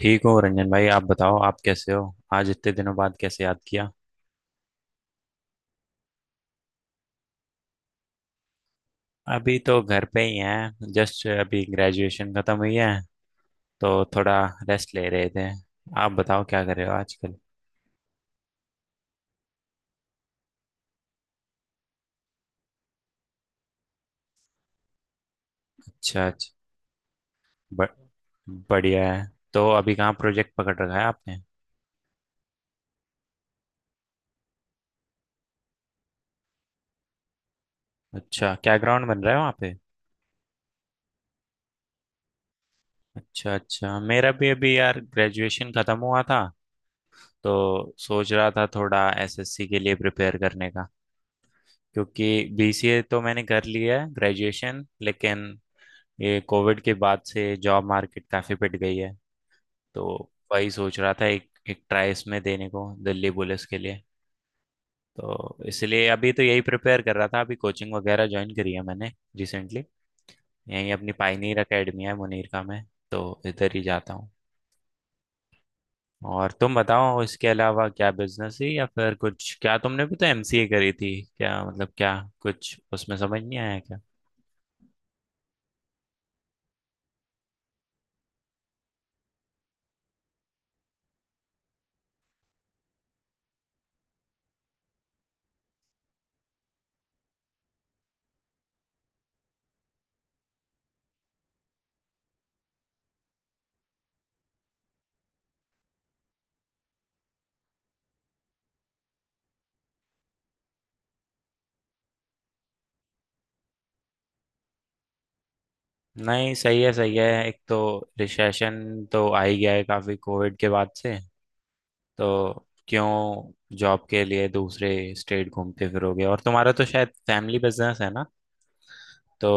ठीक हो रंजन भाई, आप बताओ आप कैसे हो। आज इतने दिनों बाद कैसे याद किया। अभी तो घर पे ही हैं, जस्ट अभी ग्रेजुएशन खत्म हुई है, तो थोड़ा रेस्ट ले रहे थे। आप बताओ क्या कर रहे हो आजकल। अच्छा अच्छा। ब- बढ़िया है। तो अभी कहाँ प्रोजेक्ट पकड़ रखा है आपने। अच्छा, क्या ग्राउंड बन रहा है वहाँ पे। अच्छा अच्छा, मेरा भी अभी यार ग्रेजुएशन खत्म हुआ था, तो सोच रहा था थोड़ा एसएससी के लिए प्रिपेयर करने का, क्योंकि बीसीए तो मैंने कर लिया है ग्रेजुएशन, लेकिन ये कोविड के बाद से जॉब मार्केट काफी पिट गई है। तो वही सोच रहा था एक एक ट्राई इसमें देने को, दिल्ली पुलिस के लिए। तो इसलिए अभी तो यही प्रिपेयर कर रहा था, अभी कोचिंग वगैरह ज्वाइन करी है मैंने रिसेंटली। यही अपनी पाइनियर एकेडमी है मुनीरका में, तो इधर ही जाता हूँ। और तुम बताओ, इसके अलावा क्या बिजनेस है या फिर कुछ, क्या तुमने भी तो एमसीए करी थी, क्या मतलब, क्या कुछ उसमें समझ नहीं आया क्या। नहीं सही है सही है। एक तो रिसेशन तो आ ही गया है काफी कोविड के बाद से, तो क्यों जॉब के लिए दूसरे स्टेट घूमते फिरोगे, और तुम्हारा तो शायद फैमिली बिजनेस है ना, तो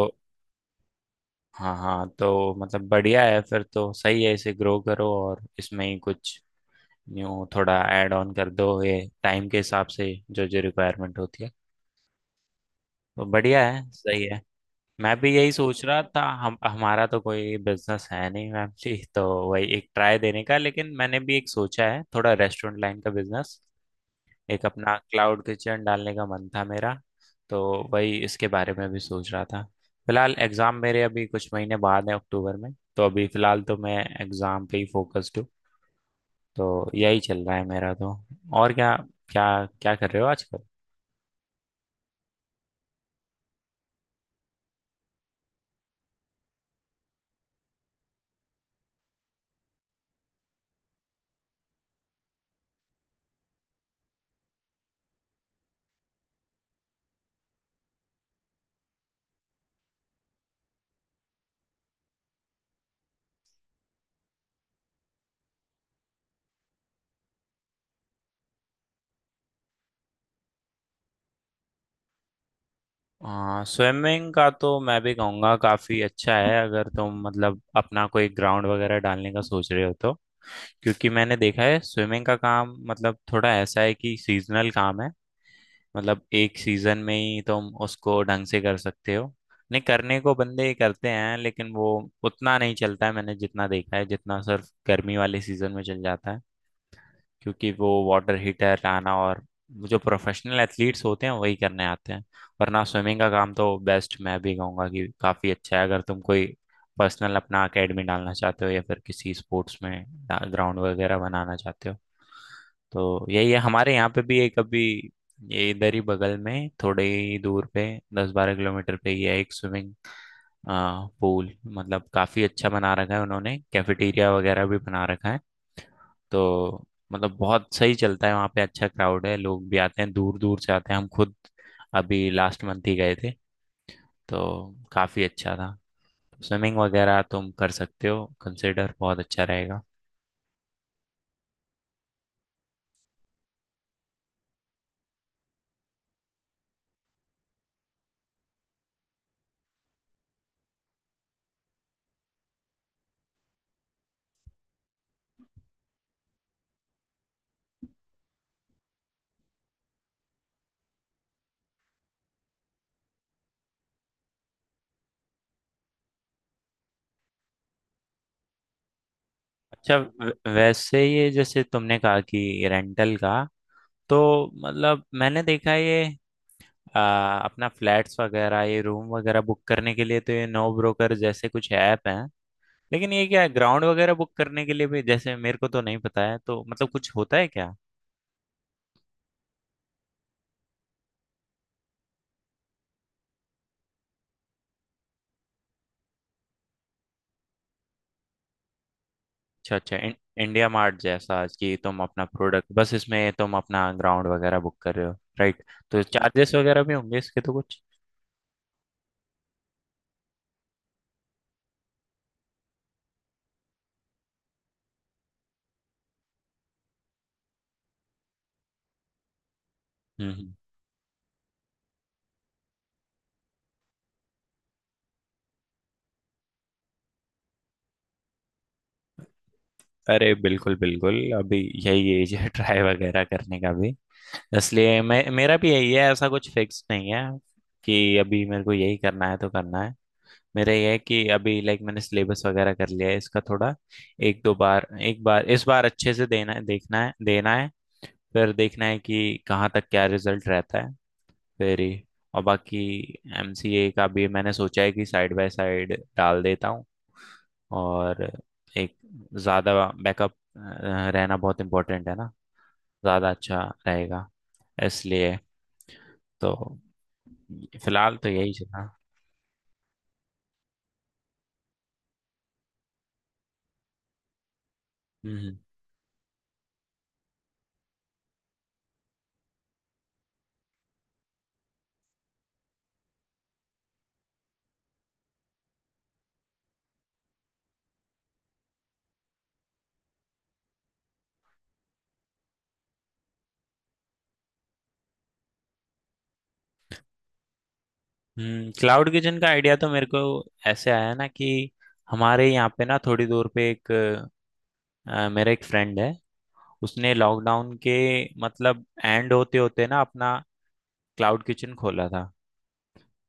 हाँ हाँ, तो मतलब बढ़िया है, फिर तो सही है इसे ग्रो करो और इसमें ही कुछ न्यू थोड़ा ऐड ऑन कर दो, ये टाइम के हिसाब से जो जो रिक्वायरमेंट होती है। तो बढ़िया है सही है। मैं भी यही सोच रहा था, हम हमारा तो कोई बिजनेस है नहीं मैम जी, तो वही एक ट्राई देने का। लेकिन मैंने भी एक सोचा है थोड़ा रेस्टोरेंट लाइन का बिजनेस, एक अपना क्लाउड किचन डालने का मन था मेरा, तो वही इसके बारे में भी सोच रहा था। फिलहाल एग्ज़ाम मेरे अभी कुछ महीने बाद है अक्टूबर में, तो अभी फिलहाल तो मैं एग्ज़ाम पे ही फोकस्ड हूँ। तो यही चल रहा है मेरा तो। और क्या, क्या, क्या कर रहे हो आजकल। हाँ, स्विमिंग का तो मैं भी कहूँगा काफ़ी अच्छा है, अगर तुम मतलब अपना कोई ग्राउंड वगैरह डालने का सोच रहे हो तो। क्योंकि मैंने देखा है स्विमिंग का काम मतलब थोड़ा ऐसा है कि सीजनल काम है, मतलब एक सीजन में ही तुम उसको ढंग से कर सकते हो। नहीं, करने को बंदे ही करते हैं, लेकिन वो उतना नहीं चलता है मैंने जितना देखा है, जितना सिर्फ गर्मी वाले सीजन में चल जाता है, क्योंकि वो वाटर हीटर लाना, और जो प्रोफेशनल एथलीट्स होते हैं वही करने आते हैं। वरना स्विमिंग का काम तो बेस्ट, मैं भी कहूँगा कि काफ़ी अच्छा है, अगर तुम कोई पर्सनल अपना एकेडमी डालना चाहते हो या फिर किसी स्पोर्ट्स में ग्राउंड वगैरह बनाना चाहते हो। तो यही है, हमारे यहाँ पे भी एक अभी ये इधर ही बगल में थोड़े ही दूर पे, दस बारह किलोमीटर पे ही है, एक स्विमिंग पूल, मतलब काफ़ी अच्छा बना रखा है उन्होंने, कैफेटेरिया वगैरह भी बना रखा है। तो मतलब बहुत सही चलता है वहाँ पे, अच्छा क्राउड है, लोग भी आते हैं दूर दूर से आते हैं, हम खुद अभी लास्ट मंथ ही गए थे, तो काफ़ी अच्छा था। स्विमिंग वगैरह तुम कर सकते हो कंसिडर, बहुत अच्छा रहेगा। अच्छा, वैसे ये जैसे तुमने कहा कि रेंटल का, तो मतलब मैंने देखा ये अपना फ्लैट्स वगैरह, ये रूम वगैरह बुक करने के लिए तो ये नो ब्रोकर जैसे कुछ ऐप हैं, लेकिन ये क्या है, ग्राउंड वगैरह बुक करने के लिए भी जैसे मेरे को तो नहीं पता है, तो मतलब कुछ होता है क्या। अच्छा अच्छा। इंडिया मार्ट जैसा कि तुम अपना प्रोडक्ट, बस इसमें तुम अपना ग्राउंड वगैरह बुक कर रहे हो, राइट। तो चार्जेस वगैरह भी होंगे इसके तो कुछ। हम्म हम्म। अरे बिल्कुल बिल्कुल, अभी यही एज है ट्राई वगैरह करने का भी, इसलिए मैं, मेरा भी यही है, ऐसा कुछ फिक्स नहीं है कि अभी मेरे को यही करना है तो करना है। मेरा ये है कि अभी लाइक मैंने सिलेबस वगैरह कर लिया है इसका थोड़ा, एक दो बार, एक बार इस बार अच्छे से देना, देखना है, देना है। फिर देखना है कि कहाँ तक क्या रिजल्ट रहता है, वेरी। और बाकी एमसीए का भी मैंने सोचा है कि साइड बाय साइड डाल देता हूँ, और एक ज़्यादा बैकअप रहना बहुत इम्पोर्टेंट है ना, ज़्यादा अच्छा रहेगा इसलिए। तो फिलहाल तो यही चला। हम्म हम्म। क्लाउड किचन का आइडिया तो मेरे को ऐसे आया ना कि हमारे यहाँ पे ना थोड़ी दूर पे एक, मेरा एक फ्रेंड है, उसने लॉकडाउन के मतलब एंड होते होते ना अपना क्लाउड किचन खोला था।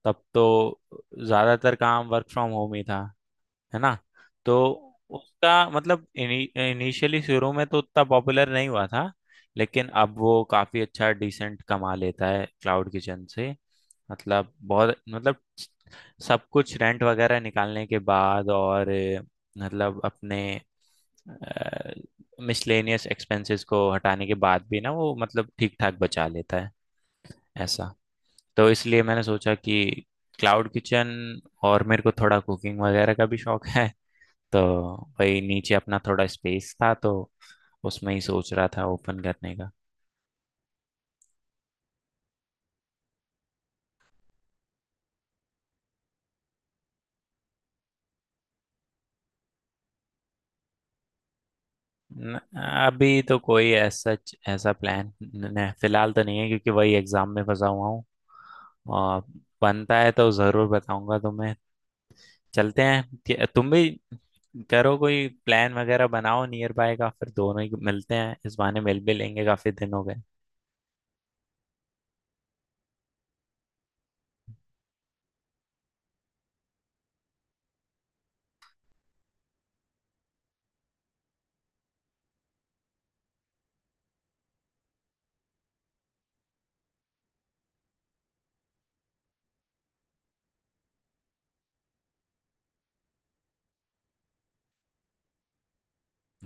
तब तो ज्यादातर काम वर्क फ्रॉम होम ही था, है ना, तो उसका मतलब इनिशियली शुरू में तो उतना पॉपुलर नहीं हुआ था, लेकिन अब वो काफी अच्छा डिसेंट कमा लेता है क्लाउड किचन से, मतलब बहुत, मतलब सब कुछ रेंट वगैरह निकालने के बाद, और मतलब अपने मिसलेनियस एक्सपेंसेस को हटाने के बाद भी ना वो मतलब ठीक ठाक बचा लेता है ऐसा। तो इसलिए मैंने सोचा कि क्लाउड किचन, और मेरे को थोड़ा कुकिंग वगैरह का भी शौक है, तो वही नीचे अपना थोड़ा स्पेस था, तो उसमें ही सोच रहा था ओपन करने का। न- अभी तो कोई ऐसा ऐसा प्लान फिलहाल तो नहीं है, क्योंकि वही एग्जाम में फंसा हुआ हूँ, और बनता है तो जरूर बताऊंगा तुम्हें। चलते हैं तुम भी करो कोई प्लान वगैरह बनाओ नियर बाय का, फिर दोनों ही मिलते हैं, इस बहाने मिल भी लेंगे काफी दिन हो गए।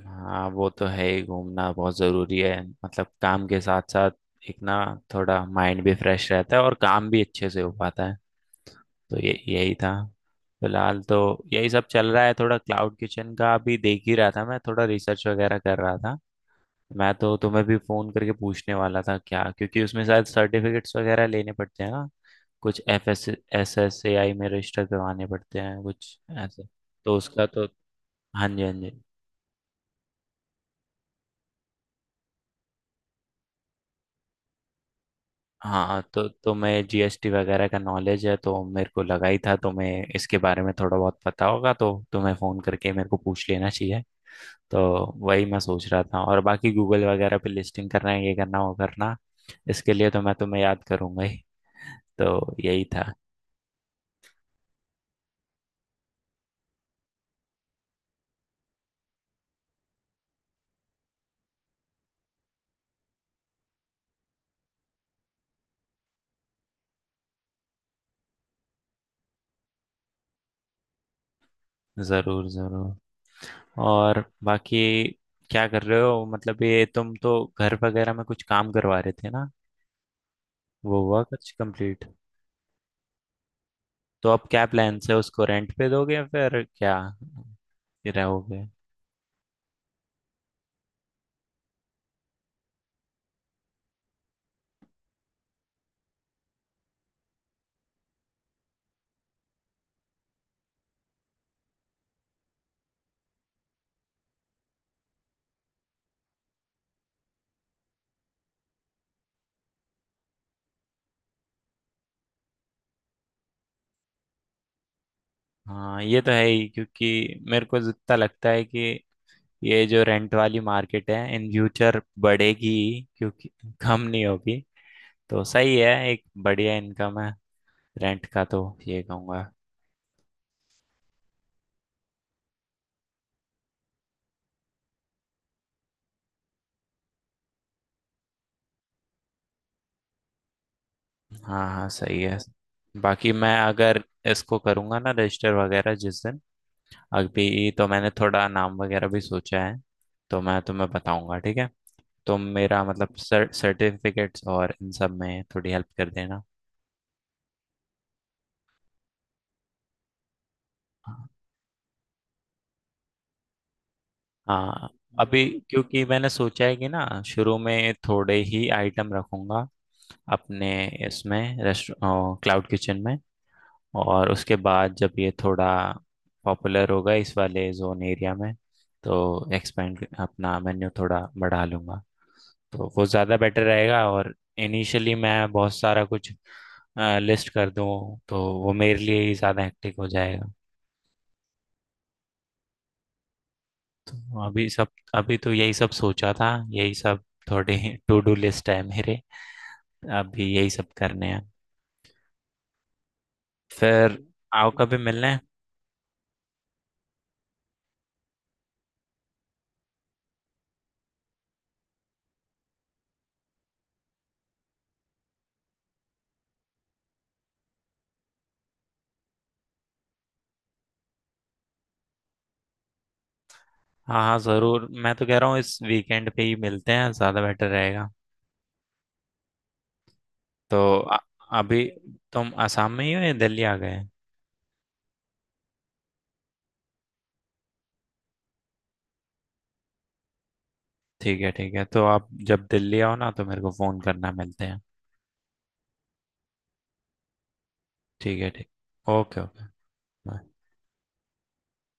हाँ वो तो है ही, घूमना बहुत जरूरी है, मतलब काम के साथ साथ एक ना थोड़ा माइंड भी फ्रेश रहता है और काम भी अच्छे से हो पाता है। तो ये यही था, फिलहाल तो यही सब चल रहा है, थोड़ा क्लाउड किचन का अभी देख ही रहा था, मैं थोड़ा रिसर्च वगैरह कर रहा था, मैं तो तुम्हें भी फोन करके पूछने वाला था क्या, क्योंकि उसमें शायद सर्टिफिकेट्स वगैरह लेने पड़ते हैं ना, कुछ F S S S A I में रजिस्टर करवाने पड़ते हैं कुछ ऐसे। तो उसका तो, हाँ जी हाँ जी, हाँ तो तुम्हें जीएसटी वगैरह का नॉलेज है, तो मेरे को लगा ही था तुम्हें इसके बारे में थोड़ा बहुत पता होगा, तो तुम्हें फ़ोन करके मेरे को पूछ लेना चाहिए। तो वही मैं सोच रहा था, और बाकी गूगल वगैरह पे लिस्टिंग करना है, ये करना वो करना, इसके लिए तो मैं तुम्हें याद करूंगा ही। तो यही था। ज़रूर ज़रूर। और बाकी क्या कर रहे हो, मतलब ये तुम तो घर वगैरह में कुछ काम करवा रहे थे ना, वो हुआ कुछ कंप्लीट। तो अब क्या प्लान्स है, उसको रेंट पे दोगे या फिर क्या, ये रहोगे। हाँ ये तो है ही, क्योंकि मेरे को जितना लगता है कि ये जो रेंट वाली मार्केट है इन फ्यूचर बढ़ेगी ही, क्योंकि कम नहीं होगी, तो सही है, एक बढ़िया इनकम है रेंट का तो, ये कहूँगा। हाँ हाँ सही है। बाकी मैं अगर इसको करूँगा ना रजिस्टर वगैरह जिस दिन, अभी तो मैंने थोड़ा नाम वगैरह भी सोचा है, तो मैं तुम्हें बताऊँगा ठीक है, तुम मेरा मतलब सर्टिफिकेट्स और इन सब में थोड़ी हेल्प कर देना। हाँ अभी, क्योंकि मैंने सोचा है कि ना शुरू में थोड़े ही आइटम रखूंगा अपने इसमें, रेस्ट क्लाउड किचन में, और उसके बाद जब ये थोड़ा पॉपुलर होगा इस वाले जोन एरिया में, तो एक्सपेंड अपना मेन्यू थोड़ा बढ़ा लूंगा, तो वो ज़्यादा बेटर रहेगा, और इनिशियली मैं बहुत सारा कुछ लिस्ट कर दूँ तो वो मेरे लिए ही ज़्यादा हेक्टिक हो जाएगा। तो अभी सब, अभी तो यही सब सोचा था, यही सब थोड़े टू डू लिस्ट है मेरे, अभी यही सब करने हैं। फिर आओ कभी मिलने। हाँ हाँ जरूर, मैं तो कह रहा हूँ इस वीकेंड पे ही मिलते हैं, ज्यादा बेटर रहेगा। तो अभी तुम आसाम में ही हो या दिल्ली आ गए। ठीक है ठीक है, तो आप जब दिल्ली आओ ना तो मेरे को फोन करना, मिलते हैं। ठीक है ठीक, ओके ओके।